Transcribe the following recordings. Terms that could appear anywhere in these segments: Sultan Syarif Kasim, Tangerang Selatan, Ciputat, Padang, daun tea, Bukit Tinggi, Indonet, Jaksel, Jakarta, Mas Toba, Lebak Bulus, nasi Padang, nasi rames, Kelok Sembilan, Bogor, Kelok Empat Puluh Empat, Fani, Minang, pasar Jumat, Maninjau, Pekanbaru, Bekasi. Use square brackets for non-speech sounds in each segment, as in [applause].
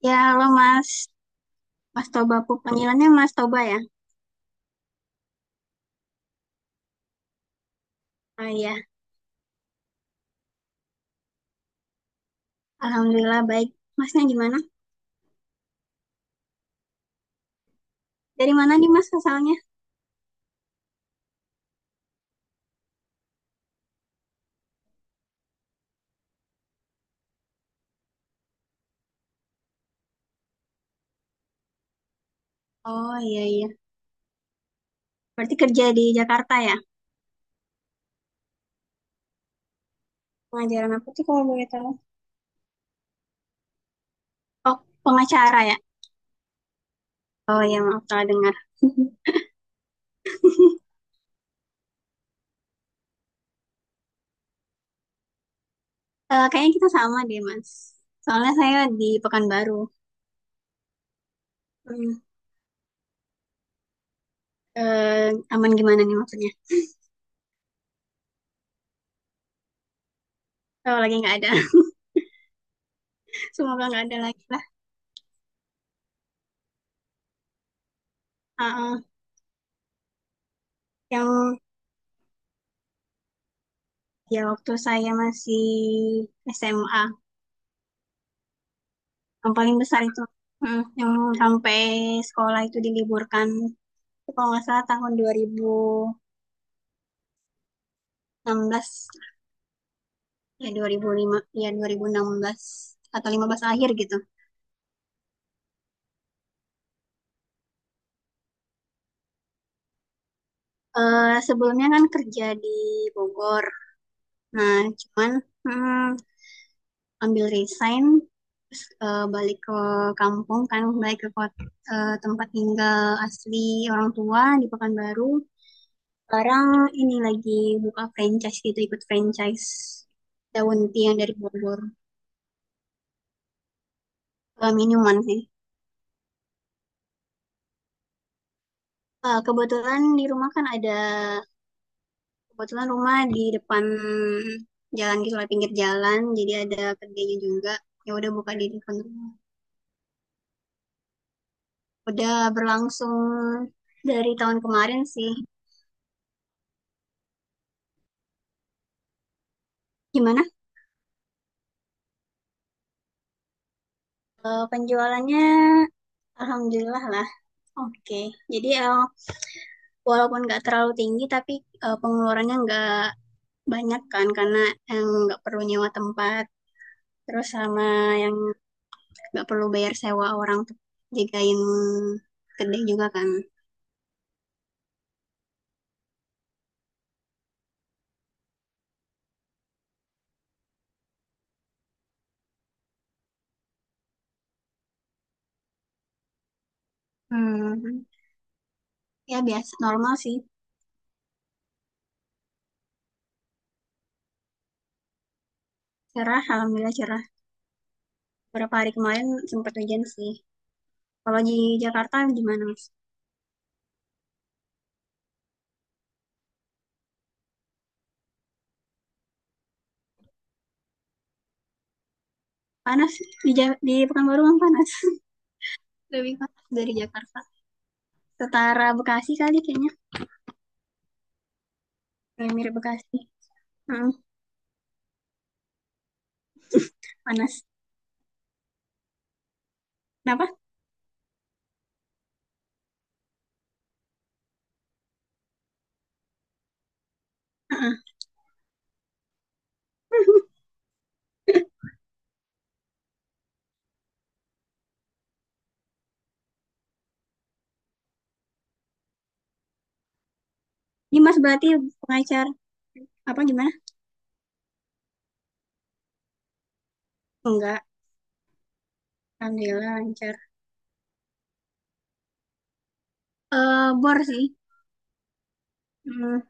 Ya, halo Mas. Mas Toba, panggilannya Mas Toba ya? Oh iya, Alhamdulillah baik. Masnya gimana? Dari mana nih Mas asalnya? Oh iya iya. Berarti kerja di Jakarta ya? Pengajaran apa tuh kalau boleh tahu? Oh, pengacara ya? Oh iya, maaf salah dengar. [laughs] Kayaknya kita sama deh Mas. Soalnya saya di Pekanbaru. Hmm. Aman gimana nih maksudnya? Oh, lagi nggak ada. [laughs] Semoga nggak ada lagi lah. Ah, ah. Yang ya waktu saya masih SMA. Yang paling besar itu. Yang sampai sekolah itu diliburkan. Itu kalau nggak salah tahun 2016. Ya dua ribu lima, ya 2016 atau 15 akhir gitu. Sebelumnya kan kerja di Bogor. Nah, cuman mm, ambil resign terus balik ke kampung kan, balik ke kota, tempat tinggal asli orang tua di Pekanbaru. Sekarang ini lagi buka franchise gitu, ikut franchise daun tea yang dari Bogor. Minuman sih. Kebetulan di rumah kan ada, kebetulan rumah di depan jalan gitu lah, pinggir jalan. Jadi ada kedainya juga. Ya udah buka di depan rumah. Udah berlangsung dari tahun kemarin sih. Gimana? Penjualannya Alhamdulillah lah. Oke. Jadi walaupun nggak terlalu tinggi tapi pengeluarannya nggak banyak kan karena yang nggak perlu nyewa tempat terus sama yang nggak perlu bayar sewa orang jagain gede juga kan. Hmm. Ya biasa normal sih. Cerah alhamdulillah cerah, beberapa hari kemarin sempat hujan sih. Kalau di Jakarta gimana mas? Panas, di Pekanbaru kan panas. [laughs] Lebih panas dari Jakarta, setara Bekasi kali kayaknya. Kayak mirip Bekasi. Mm, panas kenapa? Heeh. [laughs] Ini Mas berarti pengacar apa gimana? Enggak, Alhamdulillah lancar. Bor sih. Hmm,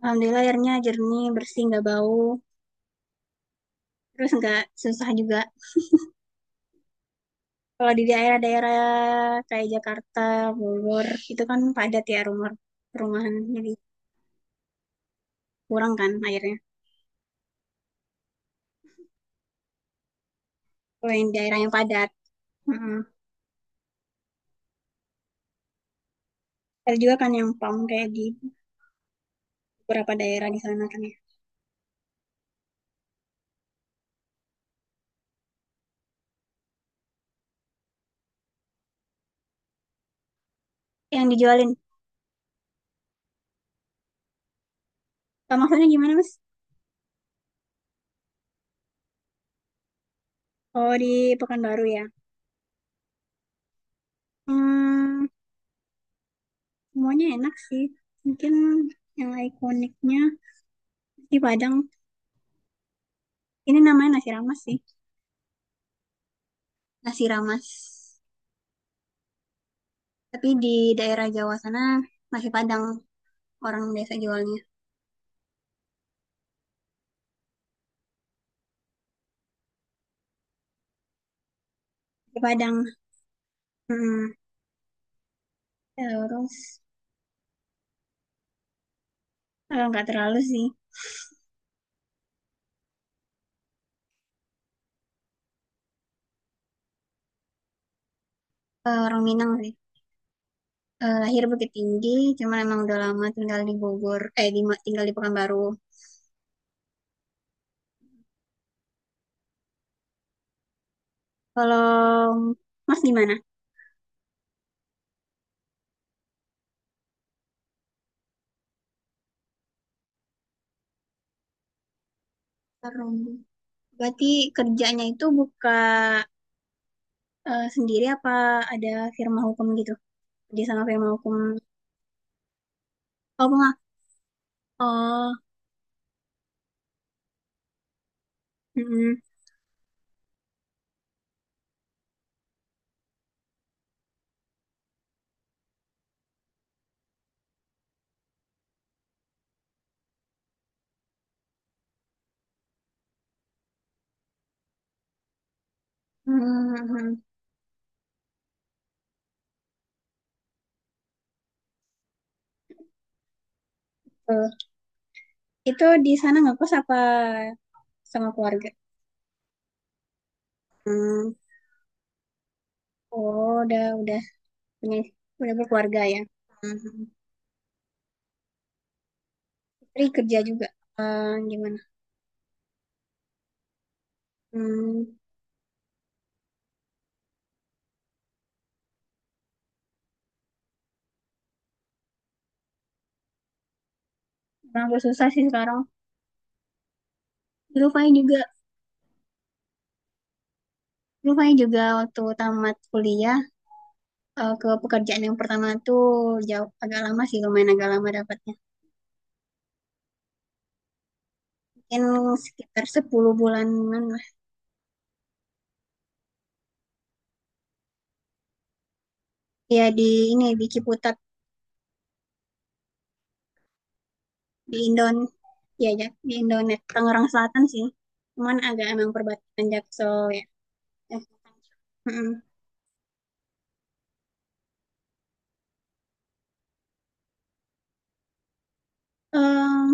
Alhamdulillah airnya jernih, bersih, nggak bau. Terus nggak susah juga. Kalau di daerah-daerah kayak Jakarta, Bogor, itu kan padat ya rumah perumahan. Jadi kurang kan airnya. Kalau yang daerah yang padat. mm Ada juga kan yang pam kayak di beberapa daerah di sana kan ya. Yang dijualin. Nah, maksudnya gimana mas? Oh di Pekanbaru ya. Hmm, semuanya enak sih. Mungkin yang ikoniknya di Padang. Ini namanya nasi rames sih, nasi rames. Tapi di daerah Jawa sana nasi Padang orang biasa jualnya. Nasi Padang. Mm-mm. Terus nggak terlalu sih. Orang Minang sih. Lahir Bukit Tinggi, cuman emang udah lama tinggal di Bogor, tinggal di Pekanbaru. Kalau Mas gimana? Sekarang. Berarti kerjanya itu buka sendiri apa ada firma hukum gitu? Kerja sama firma hukum. Oh, bunga. Oh, mm-mm. Hmm, hmm. Itu di sana ngekos apa sama keluarga? Hmm. Oh, udah punya, udah berkeluarga ya. Hmm. Istri kerja juga. Eh, gimana? Hmm, emang agak susah sih sekarang. Dulu Fai juga, dulu Fai juga waktu tamat kuliah, ke pekerjaan yang pertama tuh jauh agak lama sih, lumayan agak lama dapatnya. Mungkin sekitar 10 bulanan lah. Ya di ini di Ciputat, di Indon, ya ya di Indonet Tangerang Selatan sih. Cuman agak emang perbatasan Jaksel ya. Ya. Mm-mm. Em,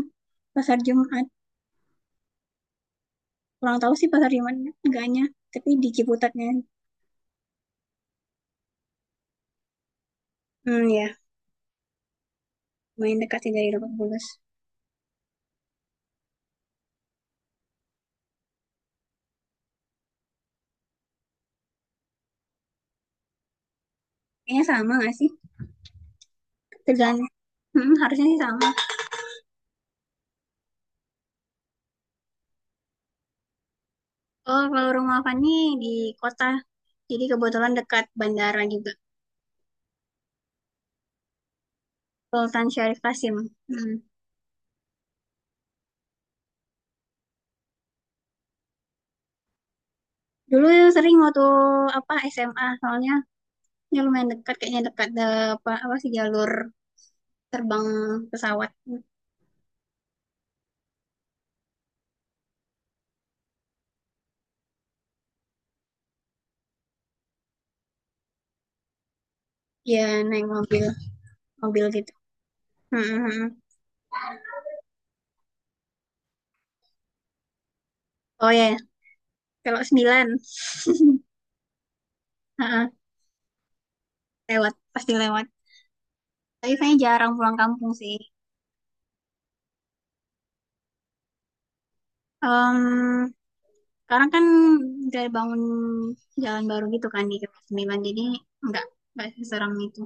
pasar Jumat. Kurang tahu sih pasar Jumat enggaknya. Tapi di Ciputatnya. Hmm, ya. Main dekat sih dari Lebak Bulus. Kayaknya sama nggak sih? Tergantung. Harusnya sih sama. Oh, kalau rumah Fani di kota. Jadi kebetulan dekat bandara juga. Sultan Syarif Kasim. Mm. Dulu sering waktu apa SMA. Soalnya ya lumayan dekat. Kayaknya dekat ada apa, apa sih jalur terbang pesawat. Ya naik mobil. Mobil gitu. Mm, mm, mm. Oh ya, kalau sembilan, heeh, lewat, pasti lewat. Tapi saya jarang pulang kampung sih. Em, sekarang kan udah bangun jalan baru gitu kan di Kelok Sembilan, jadi nggak nggak seseram itu.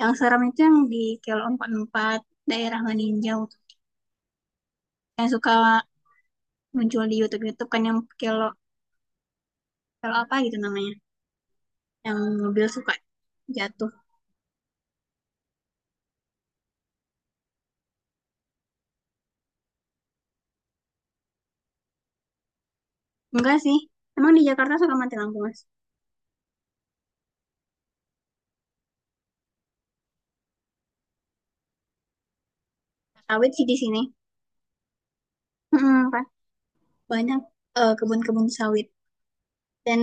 Yang seram itu yang di Kelok Empat puluh Empat, daerah Maninjau. Yang suka muncul di YouTube-YouTube kan yang Kelok Kelok apa gitu namanya, yang mobil suka jatuh. Enggak sih, emang di Jakarta suka mati lampu mas. Sawit sih di sini. Mm-mm, Pak. Banyak kebun-kebun sawit. Dan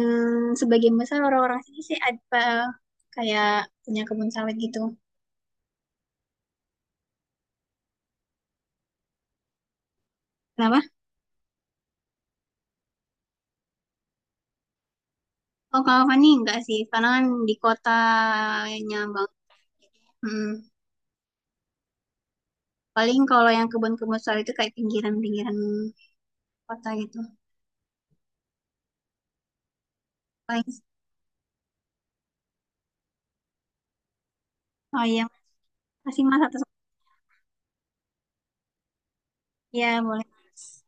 sebagian besar orang-orang sini sih ada kayak punya kebun sawit gitu. Kenapa? Oh, kalau Fani enggak sih, karena kan di kotanya bang. Mm. Paling kalau yang kebun-kebun sawit itu kayak pinggiran-pinggiran kota gitu. Paling, oh iya, masih mas atau ya boleh. Mas.